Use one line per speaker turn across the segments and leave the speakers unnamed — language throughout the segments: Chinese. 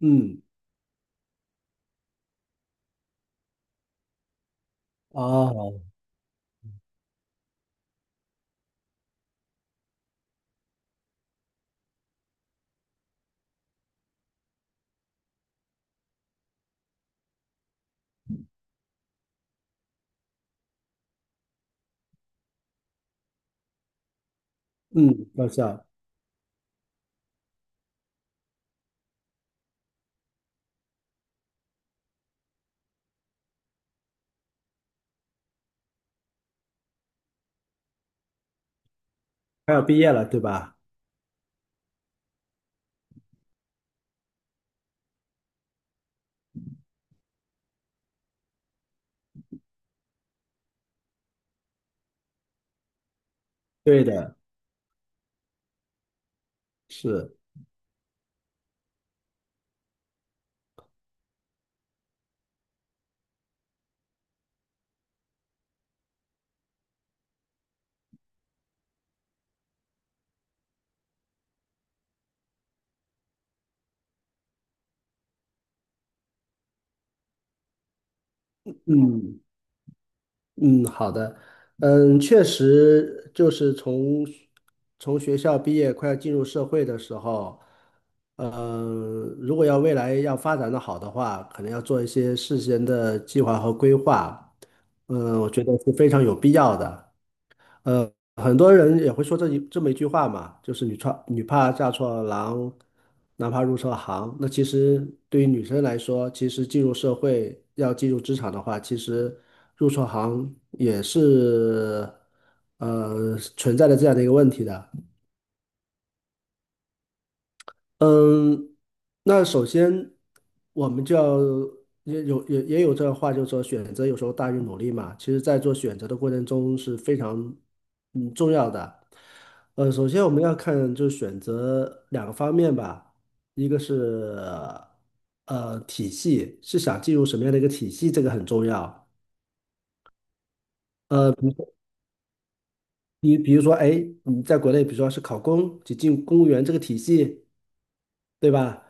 嗯，哦，嗯，高校快要毕业了，对吧？对的，是，嗯嗯，好的，确实就是从学校毕业，快要进入社会的时候，如果要未来要发展的好的话，可能要做一些事先的计划和规划，我觉得是非常有必要的。呃，很多人也会说这么一句话嘛，就是女怕嫁错郎，男怕入错行。那其实对于女生来说，其实进入社会要进入职场的话，其实入错行也是存在的这样的一个问题的。嗯，那首先我们就要也有这话，就是说选择有时候大于努力嘛。其实，在做选择的过程中是非常重要的。首先我们要看就是选择两个方面吧，一个是体系，是想进入什么样的一个体系，这个很重要。呃，比如说，哎，你在国内，比如说是考公，就进公务员这个体系，对吧？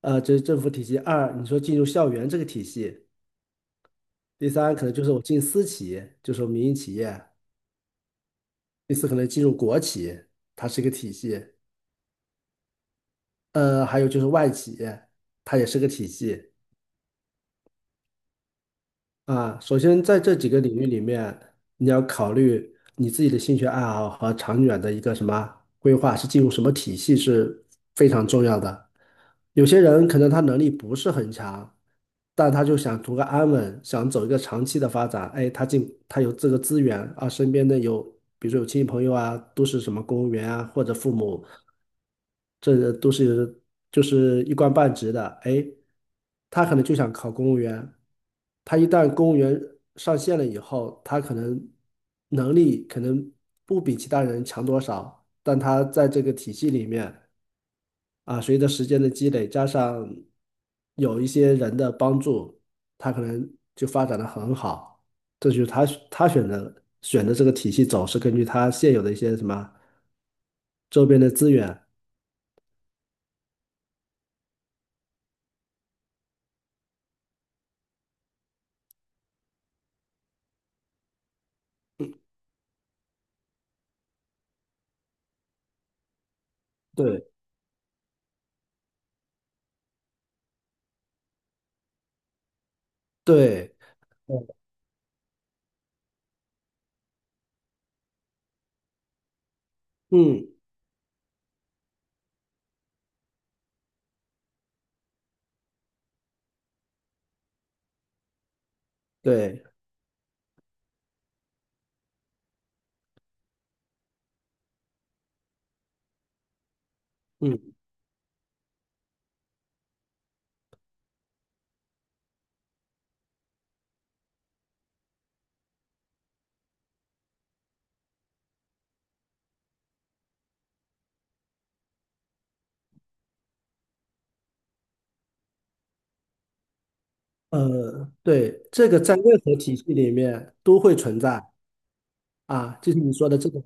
这是政府体系；二，你说进入校园这个体系；第三，可能就是我进私企就是我民营企业；第四，可能进入国企，它是一个体系；还有就是外企，它也是个体系。啊，首先在这几个领域里面，你要考虑你自己的兴趣爱好和长远的一个什么规划，是进入什么体系是非常重要的。有些人可能他能力不是很强，但他就想图个安稳，想走一个长期的发展。哎，他有这个资源啊，身边的有，比如说有亲戚朋友啊，都是什么公务员啊，或者父母。这个都是就是一官半职的，哎，他可能就想考公务员，他一旦公务员上线了以后，他可能能力可能不比其他人强多少，但他在这个体系里面啊，随着时间的积累，加上有一些人的帮助，他可能就发展的很好。这就是他选择的这个体系走，是根据他现有的一些什么周边的资源。对，对，嗯，对，嗯，对，这个在任何体系里面都会存在啊，就是你说的这个，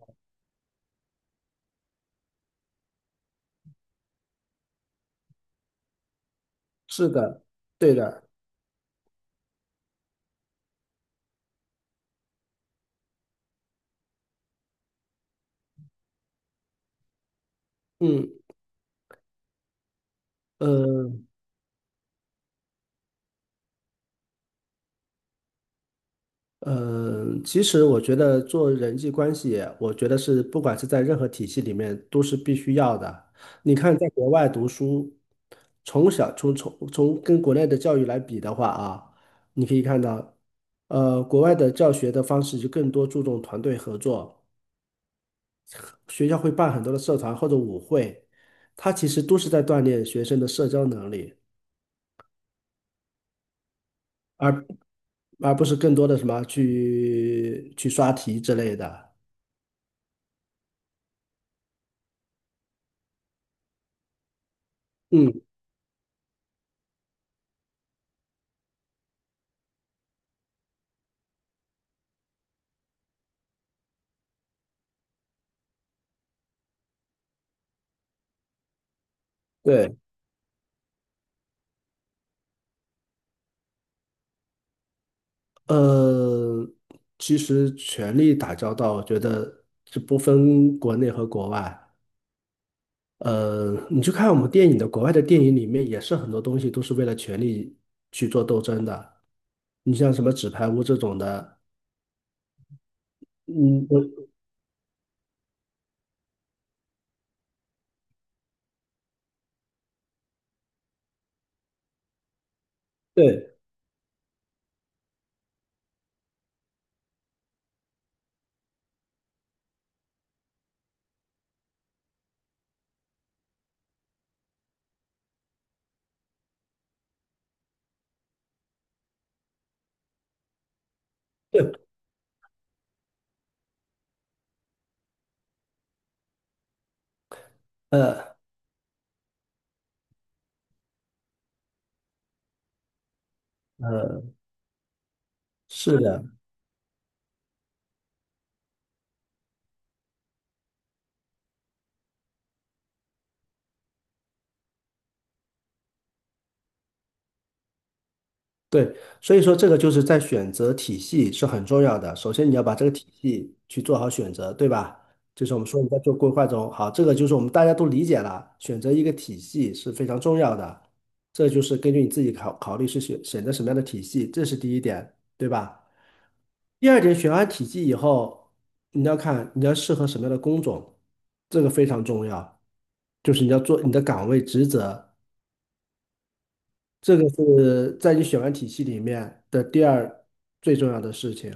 是的，对的，嗯，呃，其实我觉得做人际关系，我觉得是不管是在任何体系里面都是必须要的。你看，在国外读书，从小从从从跟国内的教育来比的话啊，你可以看到，国外的教学的方式就更多注重团队合作。学校会办很多的社团或者舞会，它其实都是在锻炼学生的社交能力，而而不是更多的什么去去刷题之类的。嗯，对，呃，其实权力打交道，我觉得是不分国内和国外。你去看我们电影的，国外的电影里面也是很多东西都是为了权力去做斗争的。你像什么《纸牌屋》这种的，嗯，对对，呃呃，是的。对，所以说这个就是在选择体系是很重要的。首先你要把这个体系去做好选择，对吧？就是我们说你在做规划中，好，这个就是我们大家都理解了，选择一个体系是非常重要的。这就是根据你自己考虑是选择什么样的体系，这是第一点，对吧？第二点，选完体系以后，你要看你要适合什么样的工种，这个非常重要，就是你要做你的岗位职责。这个是在你选完体系里面的第二最重要的事情。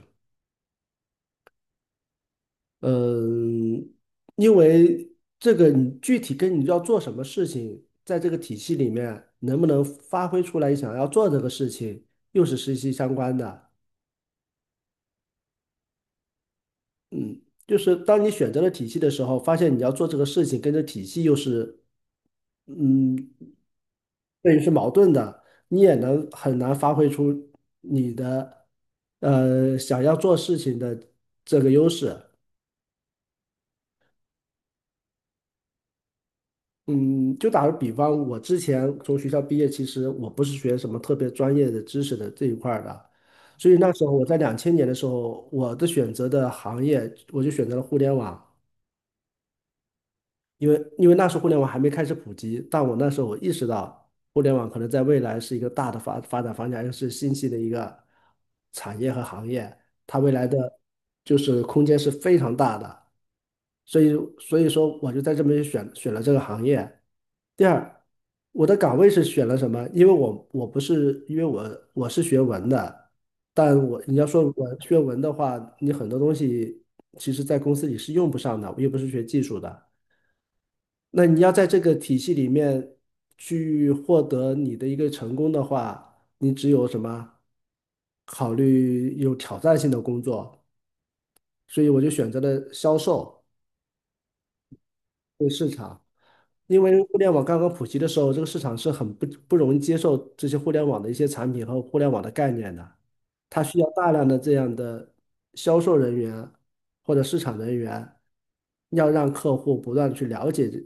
嗯，因为这个你具体跟你要做什么事情，在这个体系里面能不能发挥出来你想要做这个事情，又是息息相关的。嗯，就是当你选择了体系的时候，发现你要做这个事情跟这体系又是嗯，对于是矛盾的，你也能很难发挥出想要做事情的这个优势。嗯，就打个比方，我之前从学校毕业，其实我不是学什么特别专业的知识的这一块儿的，所以那时候我在2000年的时候，我的选择的行业，我就选择了互联网。因为那时候互联网还没开始普及，但我那时候我意识到，互联网可能在未来是一个大的发展方向，又是新兴的一个产业和行业，它未来的就是空间是非常大的，所以说我就在这边选了这个行业。第二，我的岗位是选了什么？因为我不是因为我是学文的，但我你要说我学文的话，你很多东西其实在公司里是用不上的，我又不是学技术的。那你要在这个体系里面去获得你的一个成功的话，你只有什么？考虑有挑战性的工作，所以我就选择了销售。因为互联网刚刚普及的时候，这个市场是很不容易接受这些互联网的一些产品和互联网的概念的，它需要大量的这样的销售人员或者市场人员，要让客户不断地去了解这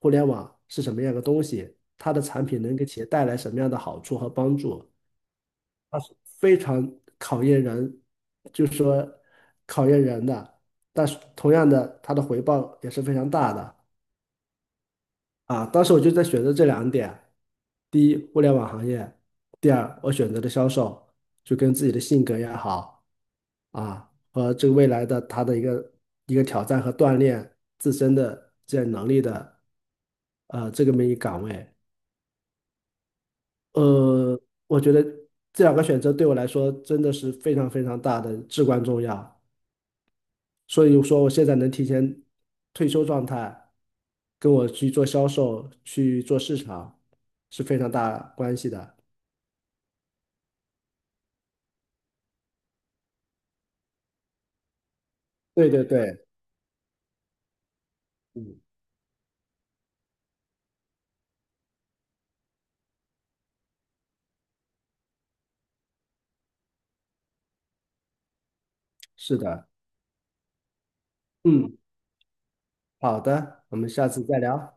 互联网是什么样的东西，它的产品能给企业带来什么样的好处和帮助，它是非常考验人，就是说考验人的，但是同样的，它的回报也是非常大的。啊，当时我就在选择这两点：第一，互联网行业；第二，我选择的销售，就跟自己的性格也好啊，和这个未来的他的一个挑战和锻炼自身的这样能力的，这个么一个岗位。呃，我觉得这两个选择对我来说真的是非常非常大的至关重要。所以说我现在能提前退休状态，跟我去做销售、去做市场是非常大关系的。对对对，嗯，是的，嗯，好的，我们下次再聊。